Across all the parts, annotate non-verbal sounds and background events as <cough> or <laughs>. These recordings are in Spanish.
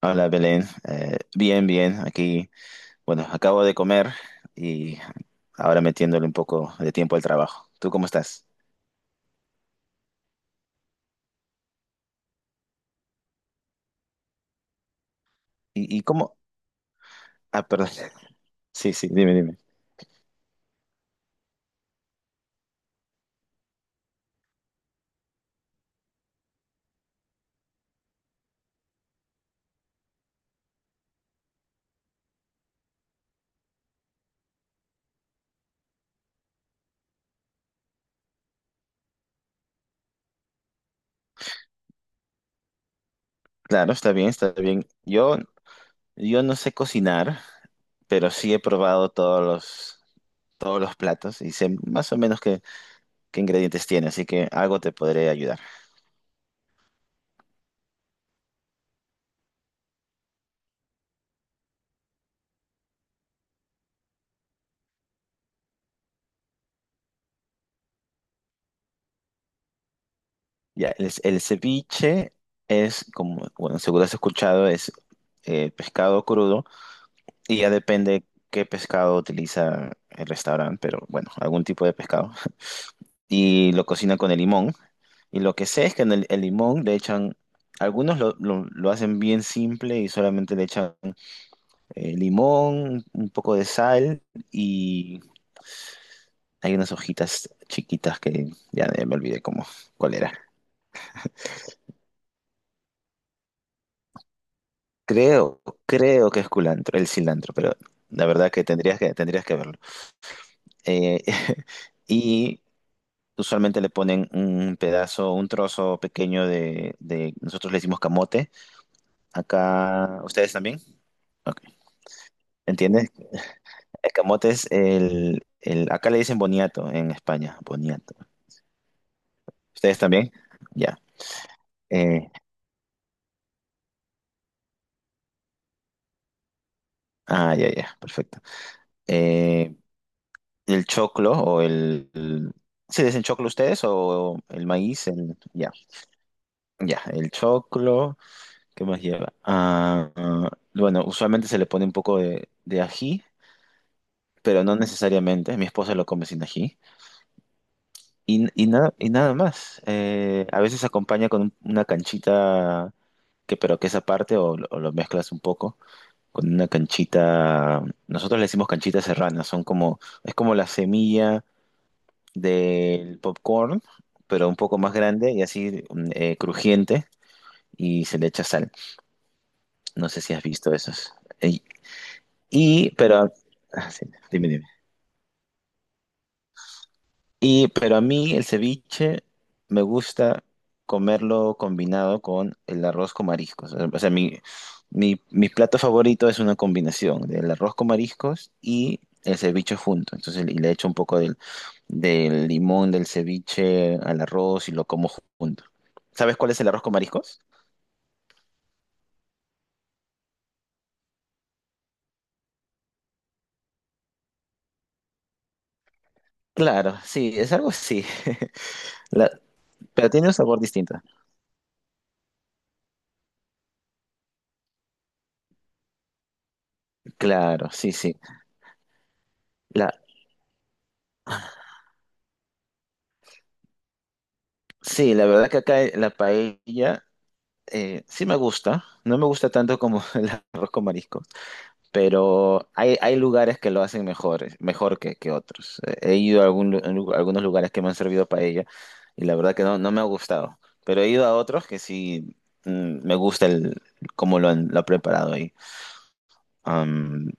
Hola Belén. Bien, bien, aquí, bueno, acabo de comer y ahora metiéndole un poco de tiempo al trabajo. ¿Tú cómo estás? ¿Y cómo? Ah, perdón. <laughs> Sí, sí, dime, dime. Claro, está bien, está bien. Yo no sé cocinar, pero sí he probado todos los platos y sé más o menos qué ingredientes tiene, así que algo te podré ayudar. Ya, el ceviche es, como, bueno, seguro has escuchado, es pescado crudo. Y ya depende qué pescado utiliza el restaurante, pero bueno, algún tipo de pescado. <laughs> Y lo cocinan con el limón. Y lo que sé es que en el limón le echan, algunos lo hacen bien simple y solamente le echan limón, un poco de sal, y hay unas hojitas chiquitas que ya me olvidé cómo, cuál era. Creo que es culantro, el cilantro, pero la verdad que tendrías que verlo. Eh, <laughs> y usualmente le ponen un pedazo, un trozo pequeño nosotros le decimos camote. Acá, ¿ustedes también? Ok. ¿Entiendes? El camote es acá le dicen boniato en España, boniato. ¿Ustedes también? Ya. Eh, ah, ya, ya, perfecto. Eh, el choclo o ¿se dicen choclo ustedes o el maíz? El- ya, ya, el choclo, ¿qué más lleva? Ah, ah, bueno, usualmente se le pone un poco de ají, pero no necesariamente. Mi esposa lo come sin ají. Y nada, y nada más. A veces acompaña con un- una canchita, que, pero que es aparte, o, lo mezclas un poco, con una canchita. Nosotros le decimos canchitas serranas, son como, es como la semilla del popcorn, pero un poco más grande y así crujiente, y se le echa sal. No sé si has visto esos. Eh, Y, pero, ah, sí, dime. Pero a mí el ceviche me gusta comerlo combinado con el arroz con mariscos. O sea, mi plato favorito es una combinación del arroz con mariscos y el ceviche junto. Entonces, y le echo un poco del limón del ceviche al arroz y lo como junto. ¿Sabes cuál es el arroz con mariscos? Claro, sí, es algo así. <laughs> La- pero tiene un sabor distinto. Claro, sí, sí. La, sí, la verdad que acá la paella, sí me gusta, no me gusta tanto como <laughs> el arroz con marisco, pero hay lugares que lo hacen mejor, mejor que otros. He ido a, algún algunos lugares que me han servido paella y la verdad que no, no me ha gustado, pero he ido a otros que sí me gusta cómo lo ha preparado ahí. Am,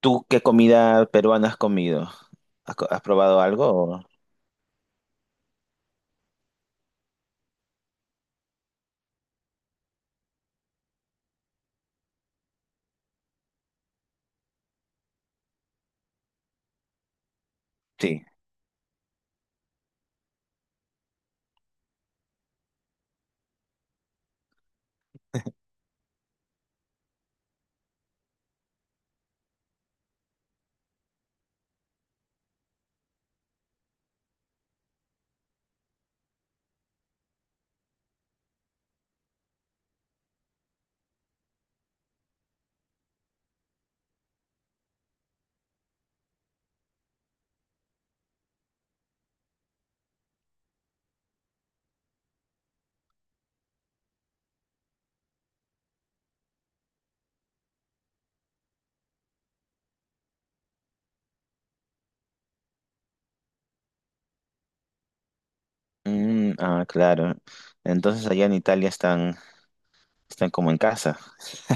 ¿Tú qué comida peruana has comido? ¿Has, has probado algo? O- Sí. Ah, claro. Entonces allá en Italia están, están como en casa.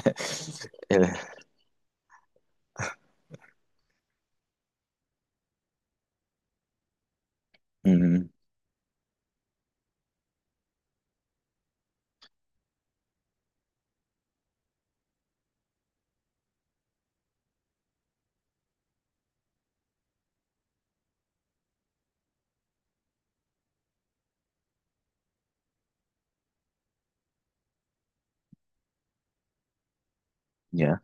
<laughs> El- Mm, ya,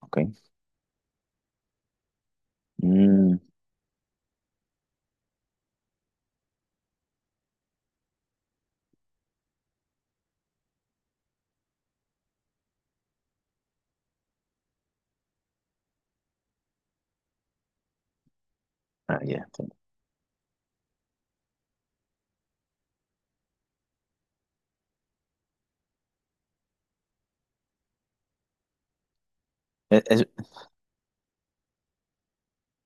ok. Mm, ah, ya. te- es- es-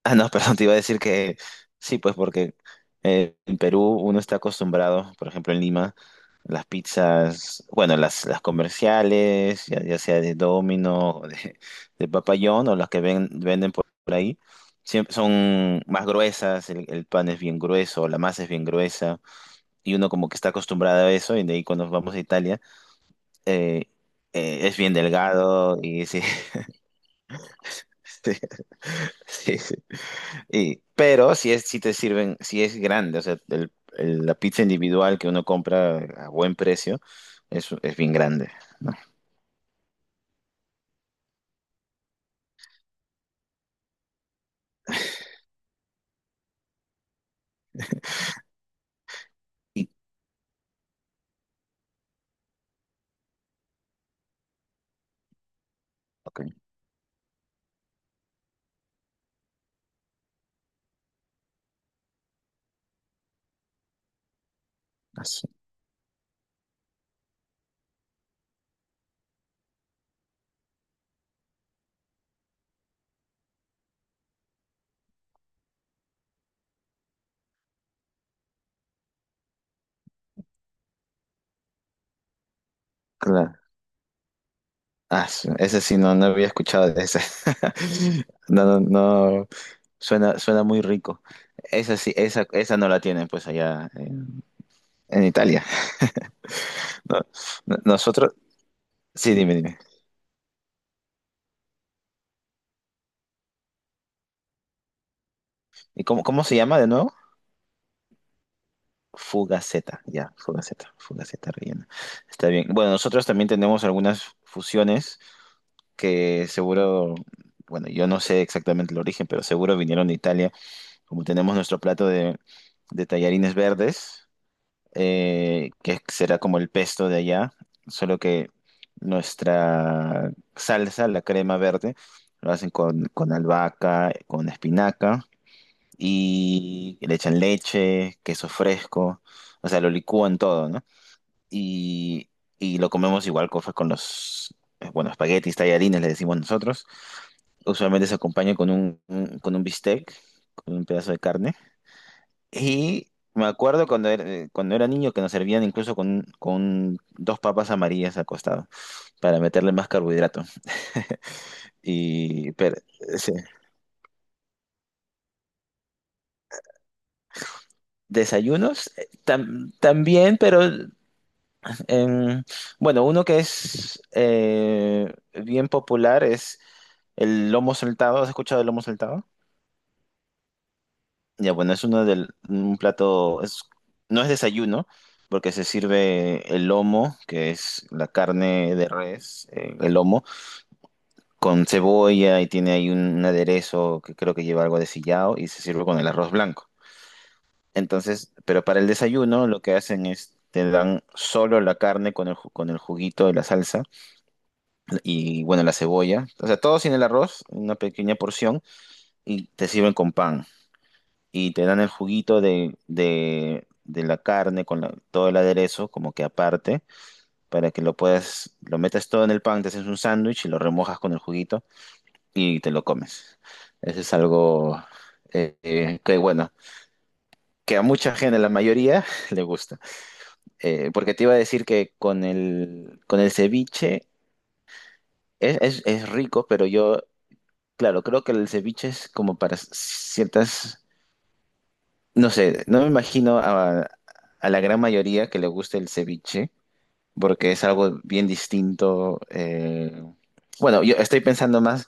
ah, no, <laughs> perdón, te iba a decir que sí, pues porque en Perú uno está acostumbrado, por ejemplo en Lima, las pizzas, bueno, las comerciales, ya, ya sea de Domino o de, <laughs> de Papa John o las que venden por ahí, siempre son más gruesas, el pan es bien grueso, la masa es bien gruesa, y uno como que está acostumbrado a eso, y de ahí cuando vamos a Italia, eh, es bien delgado y sí. <laughs> Sí, sí. Pero si es, si te sirven, si es grande, o sea, la pizza individual que uno compra a buen precio es bien grande, ¿no? Y- ok. Asu- Claro. Asu, ese sí, no, no había escuchado de ese. <laughs> No, no, no. Suena, suena muy rico. Esa sí, esa no la tienen pues allá en Italia. <laughs> No- nosotros, sí, dime, dime. Cómo se llama de nuevo? Fugaceta, ya, Fugaceta, Fugaceta rellena. Está bien. Bueno, nosotros también tenemos algunas fusiones que seguro, bueno, yo no sé exactamente el origen, pero seguro vinieron de Italia, como tenemos nuestro plato de tallarines verdes, que será como el pesto de allá, solo que nuestra salsa, la crema verde, lo hacen con albahaca, con espinaca y le echan leche, queso fresco, o sea, lo licúan todo, ¿no? Y, y lo comemos igual con los, bueno, espaguetis, tallarines, le decimos nosotros. Usualmente se acompaña con con un bistec, con un pedazo de carne. Y me acuerdo cuando era niño, que nos servían incluso con dos papas amarillas al costado para meterle más carbohidrato. <laughs> Y pero, sí. Desayunos tam- también, pero Em, bueno, uno que es bien popular es el lomo saltado. ¿Has escuchado el lomo saltado? Ya, bueno, es uno del un plato, es, no es desayuno, porque se sirve el lomo, que es la carne de res, el lomo, con cebolla y tiene ahí un aderezo que creo que lleva algo de sillao, y se sirve con el arroz blanco. Entonces, pero para el desayuno lo que hacen es te dan solo la carne con con el juguito de la salsa y bueno, la cebolla. O sea, todo sin el arroz, una pequeña porción, y te sirven con pan. Y te dan el juguito de la carne con la- todo el aderezo, como que aparte, para que lo metas todo en el pan, te haces un sándwich y lo remojas con el juguito y te lo comes. Eso es algo que, bueno, que a mucha gente, a la mayoría, <laughs> le gusta. Porque te iba a decir que con con el ceviche es, es rico, pero yo Claro, creo que el ceviche es como para ciertas, no sé, no me imagino a la gran mayoría que le guste el ceviche, porque es algo bien distinto. Bueno, yo estoy pensando más,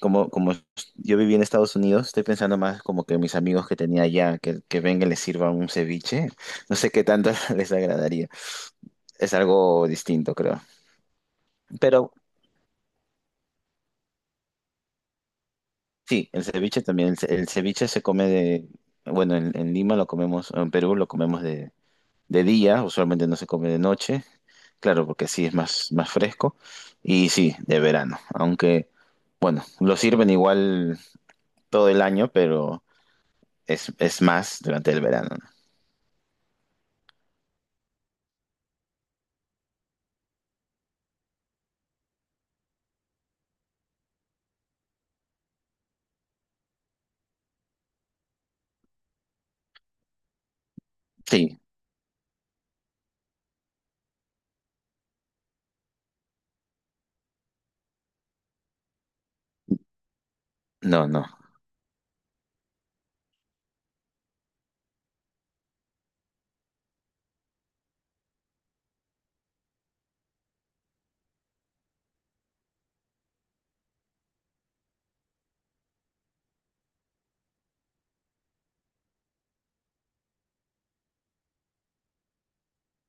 como yo viví en Estados Unidos, estoy pensando más como que mis amigos que tenía allá, que vengan y les sirva un ceviche, no sé qué tanto <laughs> les agradaría. Es algo distinto, creo. Pero sí, el ceviche también, el ceviche se come de, bueno, en Lima lo comemos, en Perú lo comemos de día, usualmente no se come de noche, claro, porque así es más, más fresco, y sí, de verano, aunque, bueno, lo sirven igual todo el año, pero es más durante el verano, ¿no? Sí, no, no,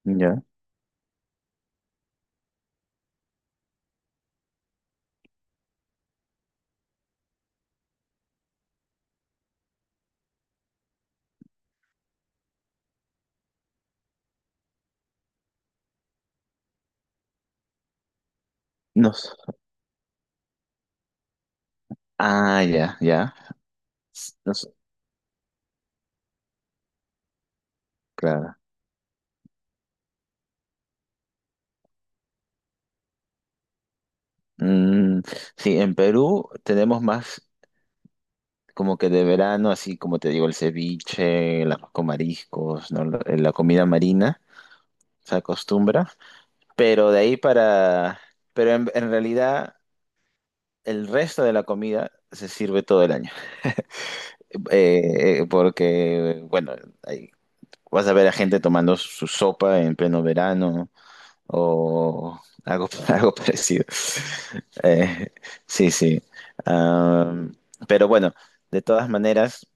ya, no, s- ah, ya, ya, S- no s- claro. Mm, sí, en Perú tenemos más como que de verano, así como te digo, el ceviche, el arroz con mariscos, ¿no? La comida marina se acostumbra. Pero de ahí para... Pero en realidad el resto de la comida se sirve todo el año. Porque, bueno, ahí vas a ver a gente tomando su sopa en pleno verano o algo, <laughs> algo parecido. Eh, sí, sí. Am, pero bueno, de todas maneras...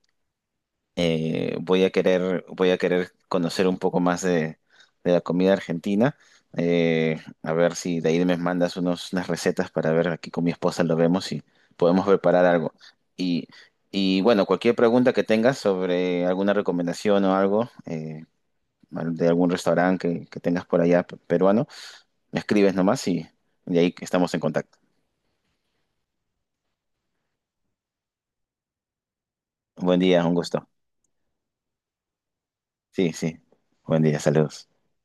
voy a querer conocer un poco más de la comida argentina. A ver si de ahí me mandas unas recetas para ver aquí con mi esposa lo vemos y podemos preparar algo. Y, y bueno, cualquier pregunta que tengas sobre alguna recomendación o algo de algún restaurante que tengas por allá peruano, me escribes nomás y de ahí estamos en contacto. Buen día, un gusto. Sí, sí. Buen día, saludos.